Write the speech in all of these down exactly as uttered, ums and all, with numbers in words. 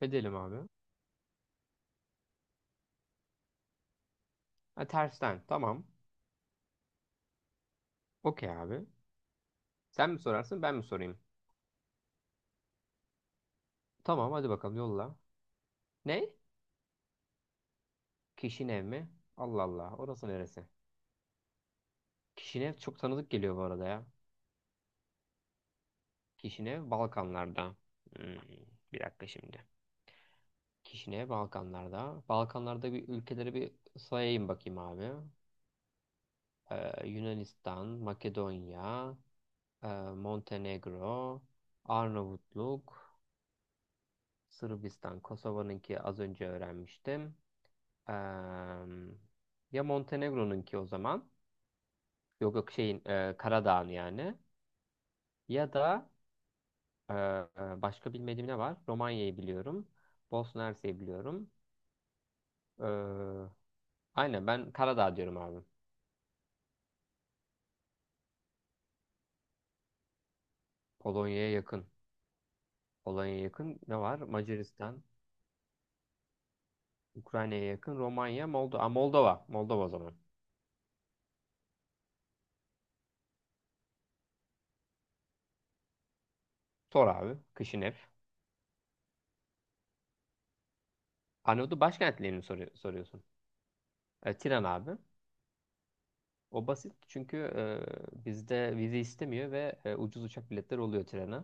Edelim abi. Ha, tersten. Tamam. Okey abi. Sen mi sorarsın ben mi sorayım? Tamam hadi bakalım yolla. Ne? Kişinev mi? Allah Allah. Orası neresi? Kişinev çok tanıdık geliyor bu arada ya. Kişinev Balkanlarda. Hmm, bir dakika şimdi. Kişinev Balkanlarda. Balkanlarda bir ülkeleri bir sayayım bakayım abi. Ee, Yunanistan, Makedonya, e, Montenegro, Arnavutluk, Sırbistan, Kosova'nınki az önce öğrenmiştim. Em, ya Montenegro'nunki o zaman. Yok yok şeyin e, Karadağ'ın yani. Ya da e, e, başka bilmediğim ne var? Romanya'yı biliyorum. Bosna Hersek'i biliyorum. E, aynen ben Karadağ diyorum abi. Polonya'ya yakın. Polonya'ya yakın ne var? Macaristan. Ukrayna'ya yakın. Romanya, Moldova. Aa, Moldova. Moldova o zaman. Sor abi. Kışinev. Arnavutlu başkentlerini mi soru- soruyorsun. E, Tiran abi. O basit çünkü e, bizde vize istemiyor ve e, ucuz uçak biletleri oluyor trene.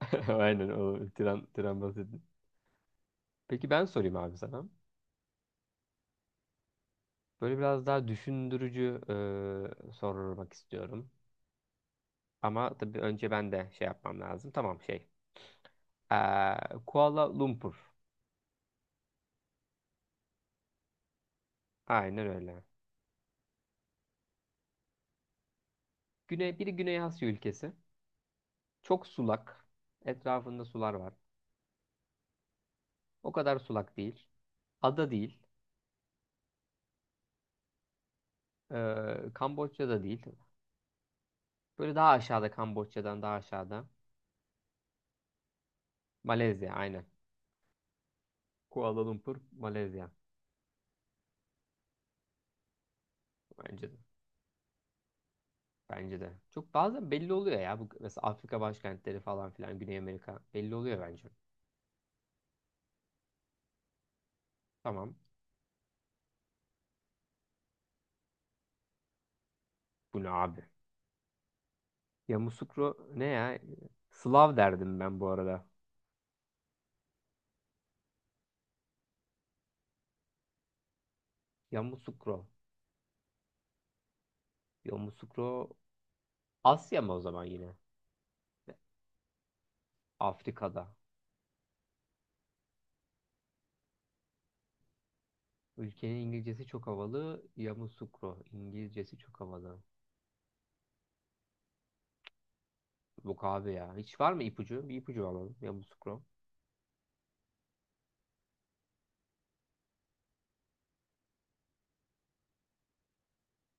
Aynen o tren, tren basit. Peki ben sorayım abi sana. Böyle biraz daha düşündürücü e, sormak istiyorum. Ama tabii önce ben de şey yapmam lazım. Tamam şey. Eee, Kuala Lumpur. Aynen öyle. Güney, biri Güney Asya ülkesi. Çok sulak. Etrafında sular var. O kadar sulak değil. Ada değil. Eee Kamboçya'da değil. Böyle daha aşağıda Kamboçya'dan daha aşağıda. Malezya aynen. Kuala Lumpur, Malezya. Bence de. Bence de. Çok bazen belli oluyor ya. Bu, mesela Afrika başkentleri falan filan Güney Amerika belli oluyor bence. Tamam. Bu ne abi? Yamoussoukro ne ya? Slav derdim ben bu arada. Yamoussoukro. Yamoussoukro Asya mı o zaman yine? Afrika'da. Ülkenin İngilizcesi çok havalı. Yamoussoukro. İngilizcesi çok havalı. Yok abi ya. Hiç var mı ipucu? Bir ipucu alalım. Yamoussoukro.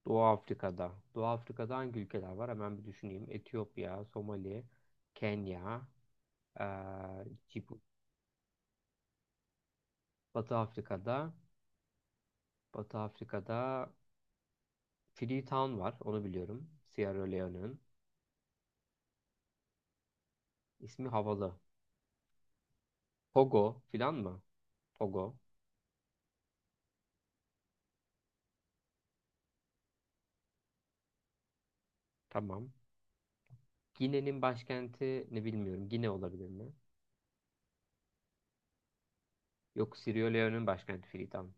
Doğu Afrika'da. Doğu Afrika'da hangi ülkeler var? Hemen bir düşüneyim. Etiyopya, Somali, Kenya, eee Cibu- Batı Afrika'da, Batı Afrika'da Freetown var. Onu biliyorum. Sierra Leone'un. İsmi havalı. Togo filan mı? Togo. Tamam. Gine'nin başkenti ne bilmiyorum. Gine olabilir mi? Yok, Sierra Leone'un başkenti Freetown.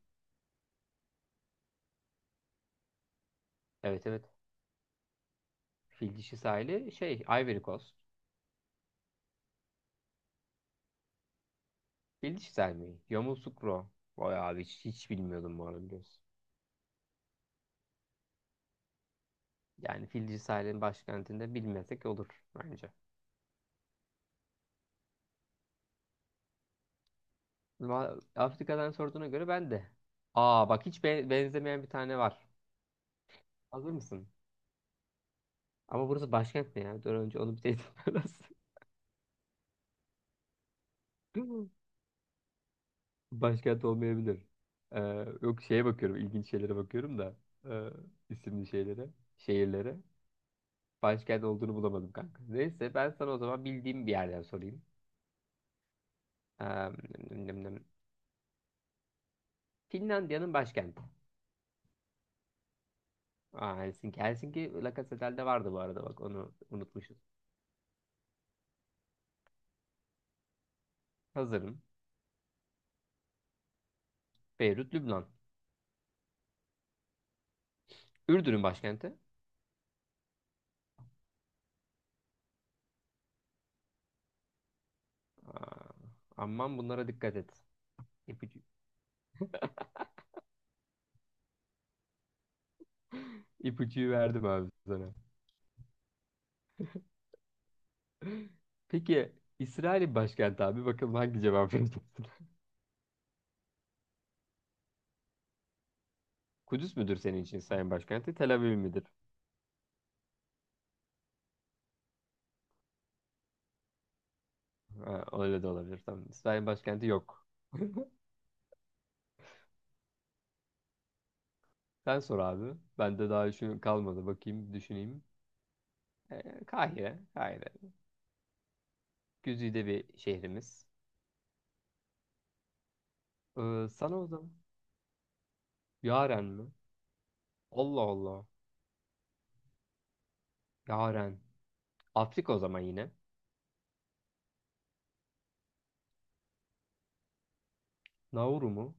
Evet evet. Fil dişi sahili şey Ivory Coast. Fil dişi sahili mi? Yamoussoukro. Vay abi hiç, hiç bilmiyordum bu arada. Yani Fil Cesareti'nin başkentinde bilmesek olur bence. Ma- Afrika'dan sorduğuna göre ben de. Aa bak hiç be- benzemeyen bir tane var. Hazır mısın? Ama burası başkent ne ya? Dur önce onu bir teyit lazım. Başkent olmayabilir. Ee, yok şeye bakıyorum. İlginç şeylere bakıyorum da. E, isimli şeylere. Şehirlere. Başkent olduğunu bulamadım kanka. Neyse ben sana o zaman bildiğim bir yerden sorayım. Ee, nem- nem- nem. Finlandiya'nın başkenti. Aa, Helsinki. Helsinki La Casettel'de vardı bu arada bak onu unutmuşuz. Hazırım. Beyrut, Lübnan. Ürdün'ün başkenti. Aa, aman bunlara dikkat et. İpucu. İpucuyu verdim abi sana. Peki İsrail'in başkenti abi bakalım hangi cevap vereceksin? Kudüs müdür senin için İsrail'in başkenti? Tel Aviv midir? Ha, öyle de olabilir tamam. İsrail'in başkenti yok. Sen sor abi. Bende daha şu kalmadı. Bakayım, düşüneyim. Ee, Kahire. Kahire. Güzide bir şehrimiz. Ee, sana o zaman. Yaren mi? Allah Allah. Yaren. Afrika o zaman yine. Nauru mu?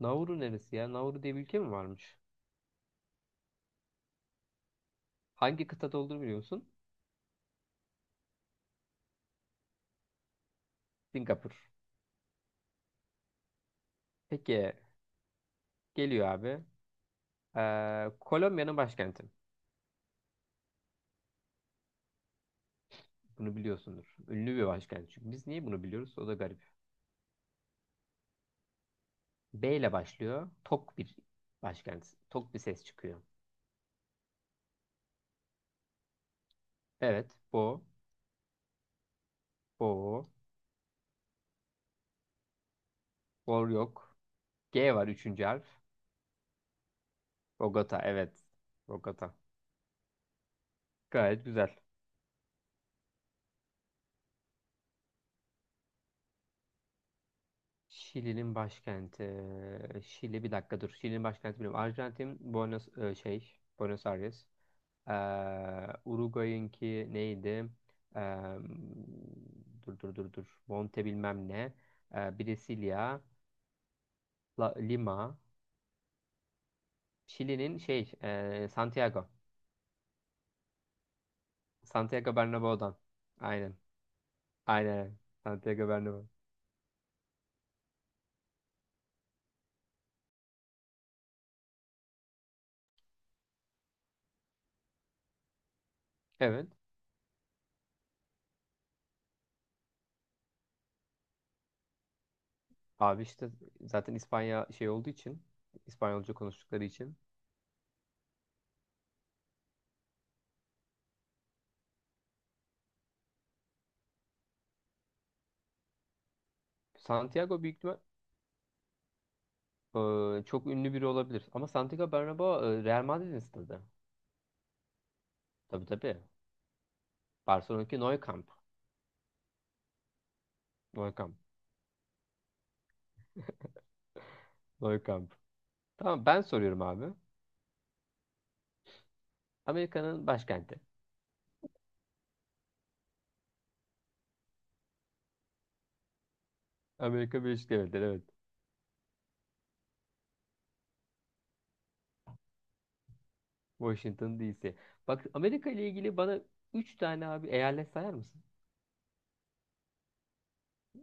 Nauru neresi ya? Nauru diye bir ülke mi varmış? Hangi kıtada olduğunu biliyor musun? Singapur. Peki. Geliyor abi. Ee, Kolombiya'nın başkenti. Bunu biliyorsundur. Ünlü bir başkent. Çünkü biz niye bunu biliyoruz? O da garip. B ile başlıyor. Tok bir başkent. Tok bir ses çıkıyor. Evet. Bo. Bo. Bor yok. G var üçüncü harf. Bogota. Evet. Bogota. Gayet güzel. Şili'nin başkenti. Şili bir dakika dur. Şili'nin başkenti bilmiyorum. Arjantin Buenos e, şey Buenos Aires. Ee, Uruguay'ınki neydi? Ee, dur dur dur dur. Monte bilmem ne. Ee, Brasilia, La- Lima. Şili'nin şey e, Santiago. Santiago Bernabéu'dan. Aynen. Aynen. Santiago Bernabéu. Evet. Abi işte zaten İspanya şey olduğu için İspanyolca konuştukları için Santiago büyük ihtimal. Ee, çok ünlü biri olabilir. Ama Santiago Bernabéu e, Real Madrid'in stadı. Tabii tabii. Barcelona'daki Nou Camp. Nou Camp. Nou Camp. Tamam ben soruyorum abi. Amerika'nın başkenti. Amerika Birleşik Devletleri evet. Washington D C. Bak Amerika ile ilgili bana üç tane abi eyalet sayar mısın?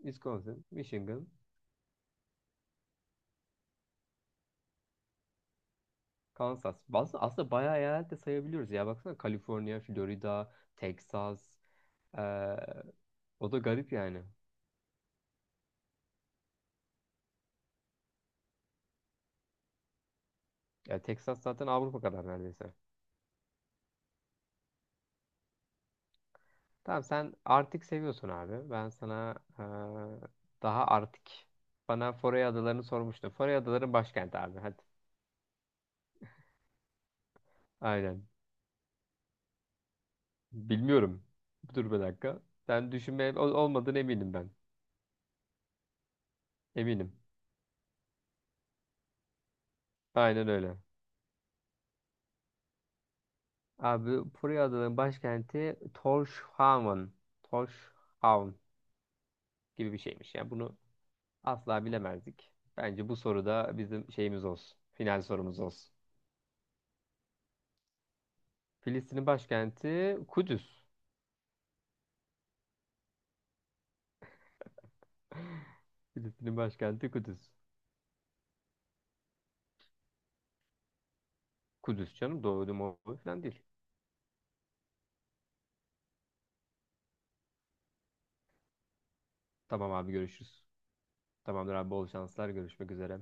Wisconsin, Michigan, Kansas. Aslında, aslında bayağı eyalet de sayabiliyoruz ya. Baksana Kaliforniya, Florida, Texas. Ee, o da garip yani. Ya Texas zaten Avrupa kadar neredeyse. Tamam sen Arctic seviyorsun abi. Ben sana eee, daha Arctic. Bana Foray Adaları'nı sormuştun. Foray Adaları'nın başkenti abi. Hadi. Aynen. Bilmiyorum. Dur bir dakika. Sen düşünmeye ol- olmadığını eminim ben. Eminim. Aynen öyle. Abi Foray Adaları'nın başkenti Tórshavn. Tórshavn gibi bir şeymiş. Yani bunu asla bilemezdik. Bence bu soruda bizim şeyimiz olsun. Final sorumuz olsun. Filistin'in başkenti Kudüs. Filistin'in başkenti Kudüs. Kudüs canım doğru doğru falan değil. Tamam abi görüşürüz. Tamamdır abi bol şanslar görüşmek üzere.